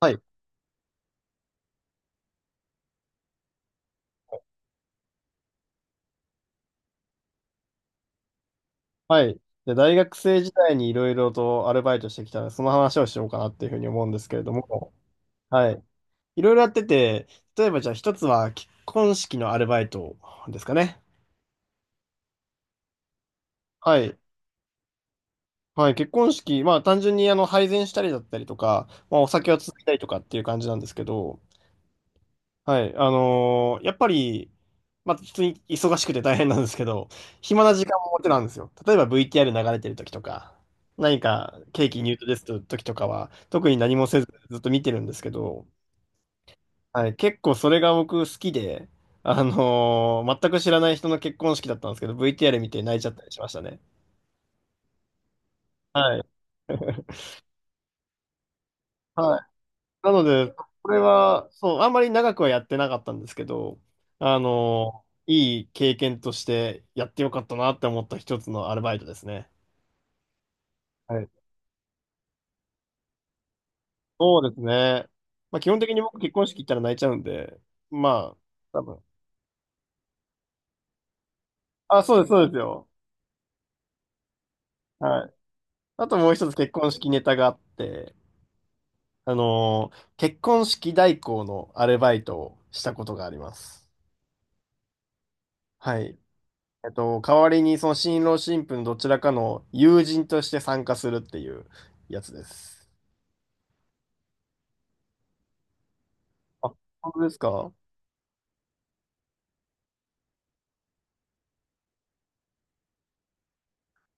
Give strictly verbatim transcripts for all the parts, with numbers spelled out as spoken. はい。はい。で、大学生時代にいろいろとアルバイトしてきたので、その話をしようかなっていうふうに思うんですけれども、はい。いろいろやってて、例えばじゃあ一つは結婚式のアルバイトですかね。はい。はい。結婚式、まあ単純にあの配膳したりだったりとか、まあお酒をついたりとかっていう感じなんですけど、はい。あのーやっぱり、まあ、普通に忙しくて大変なんですけど、暇な時間も持てなんですよ。例えば ブイティーアール 流れてる時とか、何かケーキ入刀ですと時とかは、特に何もせずずっと見てるんですけど、はい。結構それが僕好きで、あのー全く知らない人の結婚式だったんですけど、ブイティーアール 見て泣いちゃったりしましたね。はい。はい。なので、これは、そう、あんまり長くはやってなかったんですけど、あの、いい経験としてやってよかったなって思った一つのアルバイトですね。はい。そうですね。まあ、基本的に僕結婚式行ったら泣いちゃうんで、まあ、多分。あ、そうです、そうですよ。はい。あともう一つ結婚式ネタがあって、あの、結婚式代行のアルバイトをしたことがあります。はい。えっと、代わりにその新郎新婦のどちらかの友人として参加するっていうやつです。あ、本当ですか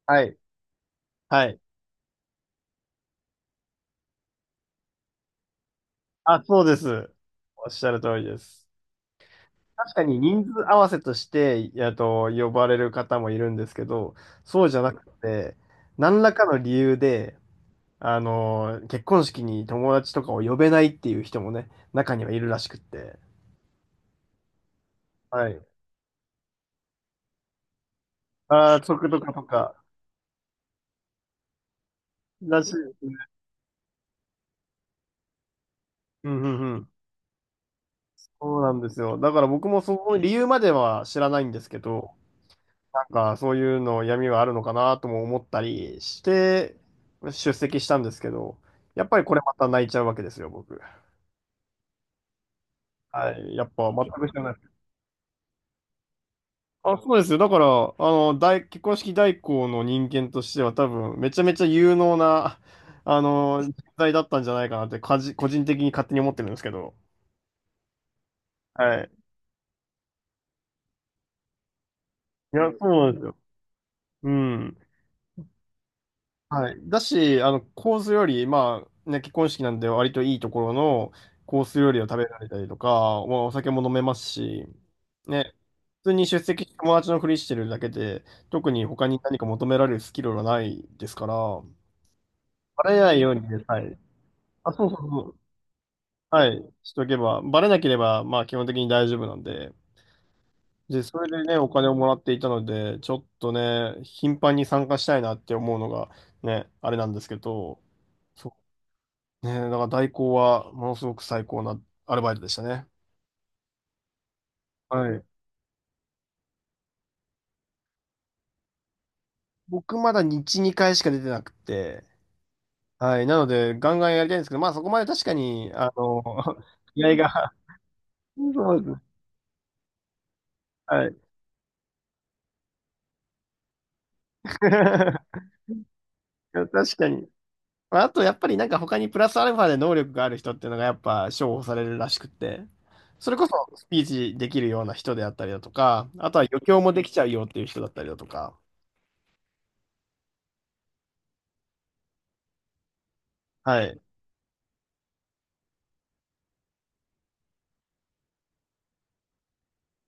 はい。はい。あ、そうです。おっしゃる通りです。確かに人数合わせとして、えっと、呼ばれる方もいるんですけど、そうじゃなくて、何らかの理由で、あの、結婚式に友達とかを呼べないっていう人もね、中にはいるらしくって。はい。ああ、族とかとか、らしいですね。うんうんうん。そうなんですよ。だから僕もその理由までは知らないんですけど、なんかそういうの闇はあるのかなとも思ったりして出席したんですけど、やっぱりこれまた泣いちゃうわけですよ、僕。はい。やっぱ全く知らない。あ、そうですよ。だから、あの、大、結婚式代行の人間としては多分めちゃめちゃ有能な、あの、人材だったんじゃないかなって、かじ個人的に勝手に思ってるんですけど。はい。いや、そうなんですよ。うん。はい。だし、あの、コース料理、まあ、ね、結婚式なんで割といいところのコース料理を食べられたりとか、まあ、お酒も飲めますし、ね、普通に出席して友達のふりしてるだけで、特に他に何か求められるスキルはないですから、バレないようにね、はい。あ、そうそうそう。はい。しておけば、バレなければ、まあ基本的に大丈夫なんで、で、それでね、お金をもらっていたので、ちょっとね、頻繁に参加したいなって思うのが、ね、あれなんですけど、ねえ、だから代行はものすごく最高なアルバイトでしたね。はい。僕まだ日にかいしか出てなくて、はい。なので、ガンガンやりたいんですけど、まあそこまで確かに、あの、気合が、そうですね。はい。いや確かに。まああと、やっぱりなんか他にプラスアルファで能力がある人っていうのがやっぱ重宝されるらしくて、それこそスピーチできるような人であったりだとか、あとは余興もできちゃうよっていう人だったりだとか、はい。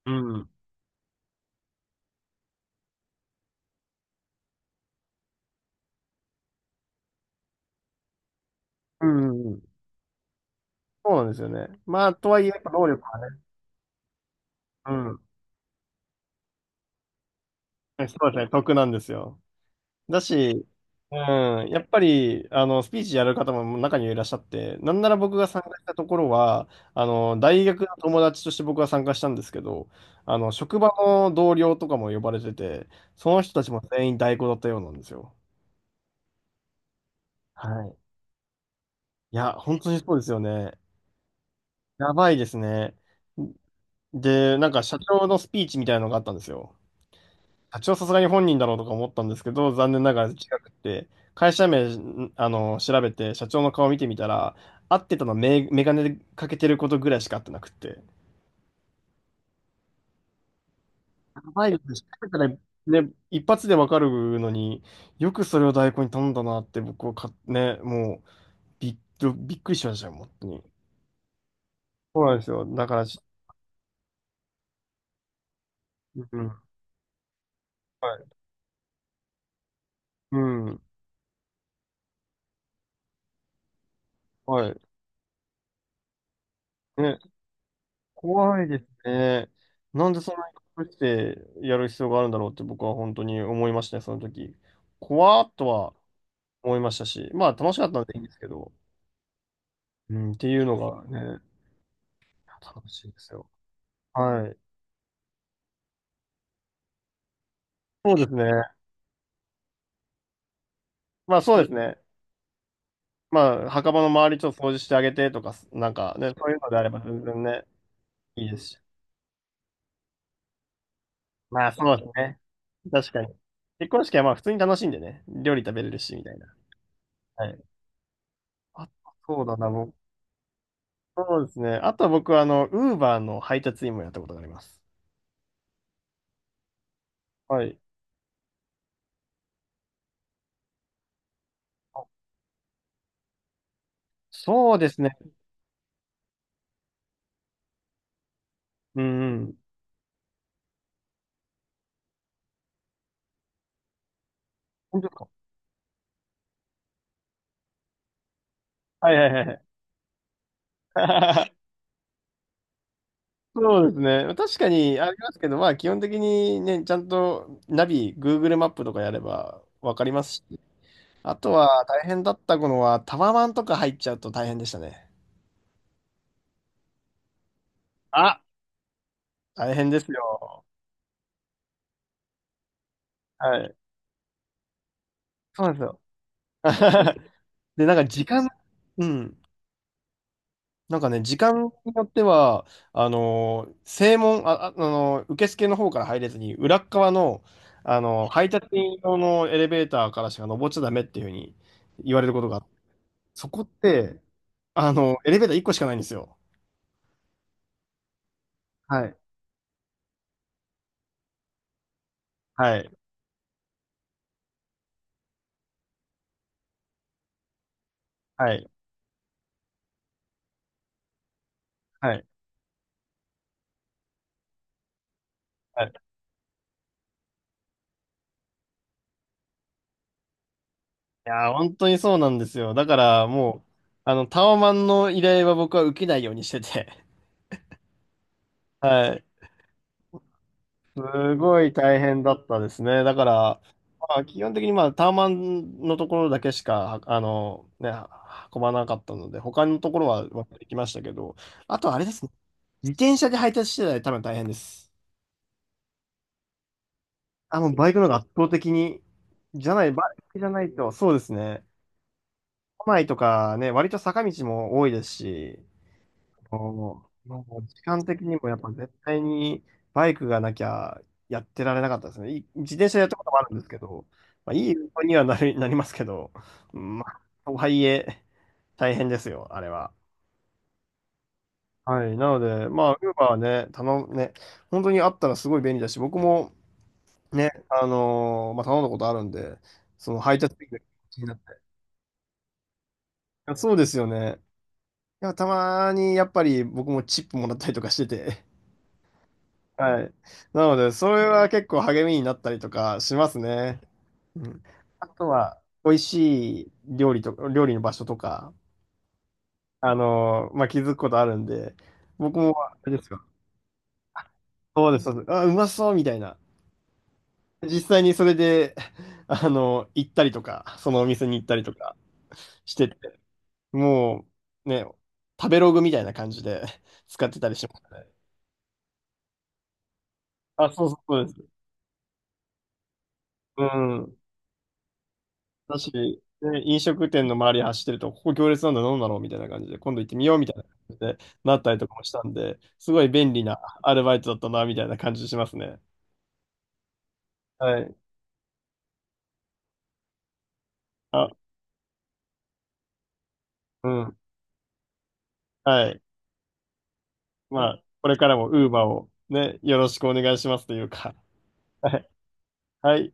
うん。うんうんうんそうなんですよね。まあ、とはいえ、やっぱ能力はね、うん。そうですね、得なんですよ。だし、うん、やっぱり、あの、スピーチやる方も中にはいらっしゃって、なんなら僕が参加したところは、あの、大学の友達として僕は参加したんですけど、あの、職場の同僚とかも呼ばれてて、その人たちも全員代行だったようなんですよ。はい。いや、本当にそうですよね。やばいですね。で、なんか社長のスピーチみたいなのがあったんですよ。社長さすがに本人だろうとか思ったんですけど、残念ながら違くて、会社名、んあの、調べて、社長の顔見てみたら、合ってたのはメ、メガネかけてることぐらいしか合ってなくて。やばいですね。調べたらね、一発でわかるのに、よくそれを代行に頼んだなって僕はか、ね、もう、びっ、びっくりしましたよ、本当に。そうなんですよ。だからし、うん。はい。うん。はい。ね怖いですね。なんでそんなに隠してやる必要があるんだろうって僕は本当に思いましたね、その時。怖っとは思いましたし、まあ楽しかったんでいいんですけど、うん、っていうのがね、楽しいですよ。はい。そうですね。まあそうですね。まあ墓場の周りちょっと掃除してあげてとか、なんかね、そういうのであれば全然ね、いいですし。まあそうですね。確かに。結婚式はまあ普通に楽しんでね、料理食べれるし、みたいな。はい。あ、そうだな、僕そうですね。あとは僕は、あの、ウーバーの配達員もやったことがあります。はい。あそうですね。うんうん。本当ですかはいはいはいはい。そうですね。確かにありますけど、まあ基本的にね、ちゃんとナビ、グーグル マップとかやればわかりますし、あとは大変だったのはタワマンとか入っちゃうと大変でしたね。あ、大変ですよ。はい。そうなんですよ。で、なんか時間、うん。なんかね、時間によっては、あのー正門、あ、ああのー受付の方から入れずに、裏っ側の、あのー配達員用のエレベーターからしか登っちゃダメっていうふうに言われることがあって、そこって、あのーエレベーターいっこしかないんですよ。はい。はい、はい、はい。はい、いやー、本当にそうなんですよ。だから、もう、あの、タワマンの依頼は僕は受けないようにしてて、はい。すごい大変だったですね。だから、まあ、基本的にまあタワマンのところだけしか、あの、ね、運ばなかったので、他のところはまあ行きましたけど、あとあれですね。自転車で配達してたら多分大変です。あもうバイクの方が圧倒的に、じゃない、バイクじゃないと、そうですね。都内とかね、割と坂道も多いですし、あーまあ、時間的にもやっぱ絶対にバイクがなきゃやってられなかったですね。い自転車やったこともあるんですけど、まあ、いい運動にはなり、なりますけど、うんまあ、とはいえ、大変ですよ、あれは。はい。なので、まあ、ウーバーはね、頼む、ね、本当にあったらすごい便利だし、僕もね、あのーまあ、頼んだことあるんで、その配達員が気になって。いやそうですよね。いや、たまにやっぱり僕もチップもらったりとかしてて、はい。なので、それは結構励みになったりとかしますね。うん。あとは、美味しい料理とか、料理の場所とか、あのーまあ、気づくことあるんで、僕も、あれですよ。そうです、そうです。あ、うまそうみたいな。実際にそれで、あの行ったりとか、そのお店に行ったりとかしてて、もう、ね、食べログみたいな感じで 使ってたりしますね。あ、そうそう、そうです。うん。だし、で、飲食店の周り走ってると、ここ行列なんだ、どうだろうみたいな感じで、今度行ってみようみたいな感じでなったりとかもしたんで、すごい便利なアルバイトだったな、みたいな感じしますね。はい。あ、うん。はい。まあ、これからも ウーバー をね、よろしくお願いしますというか。はい。はい。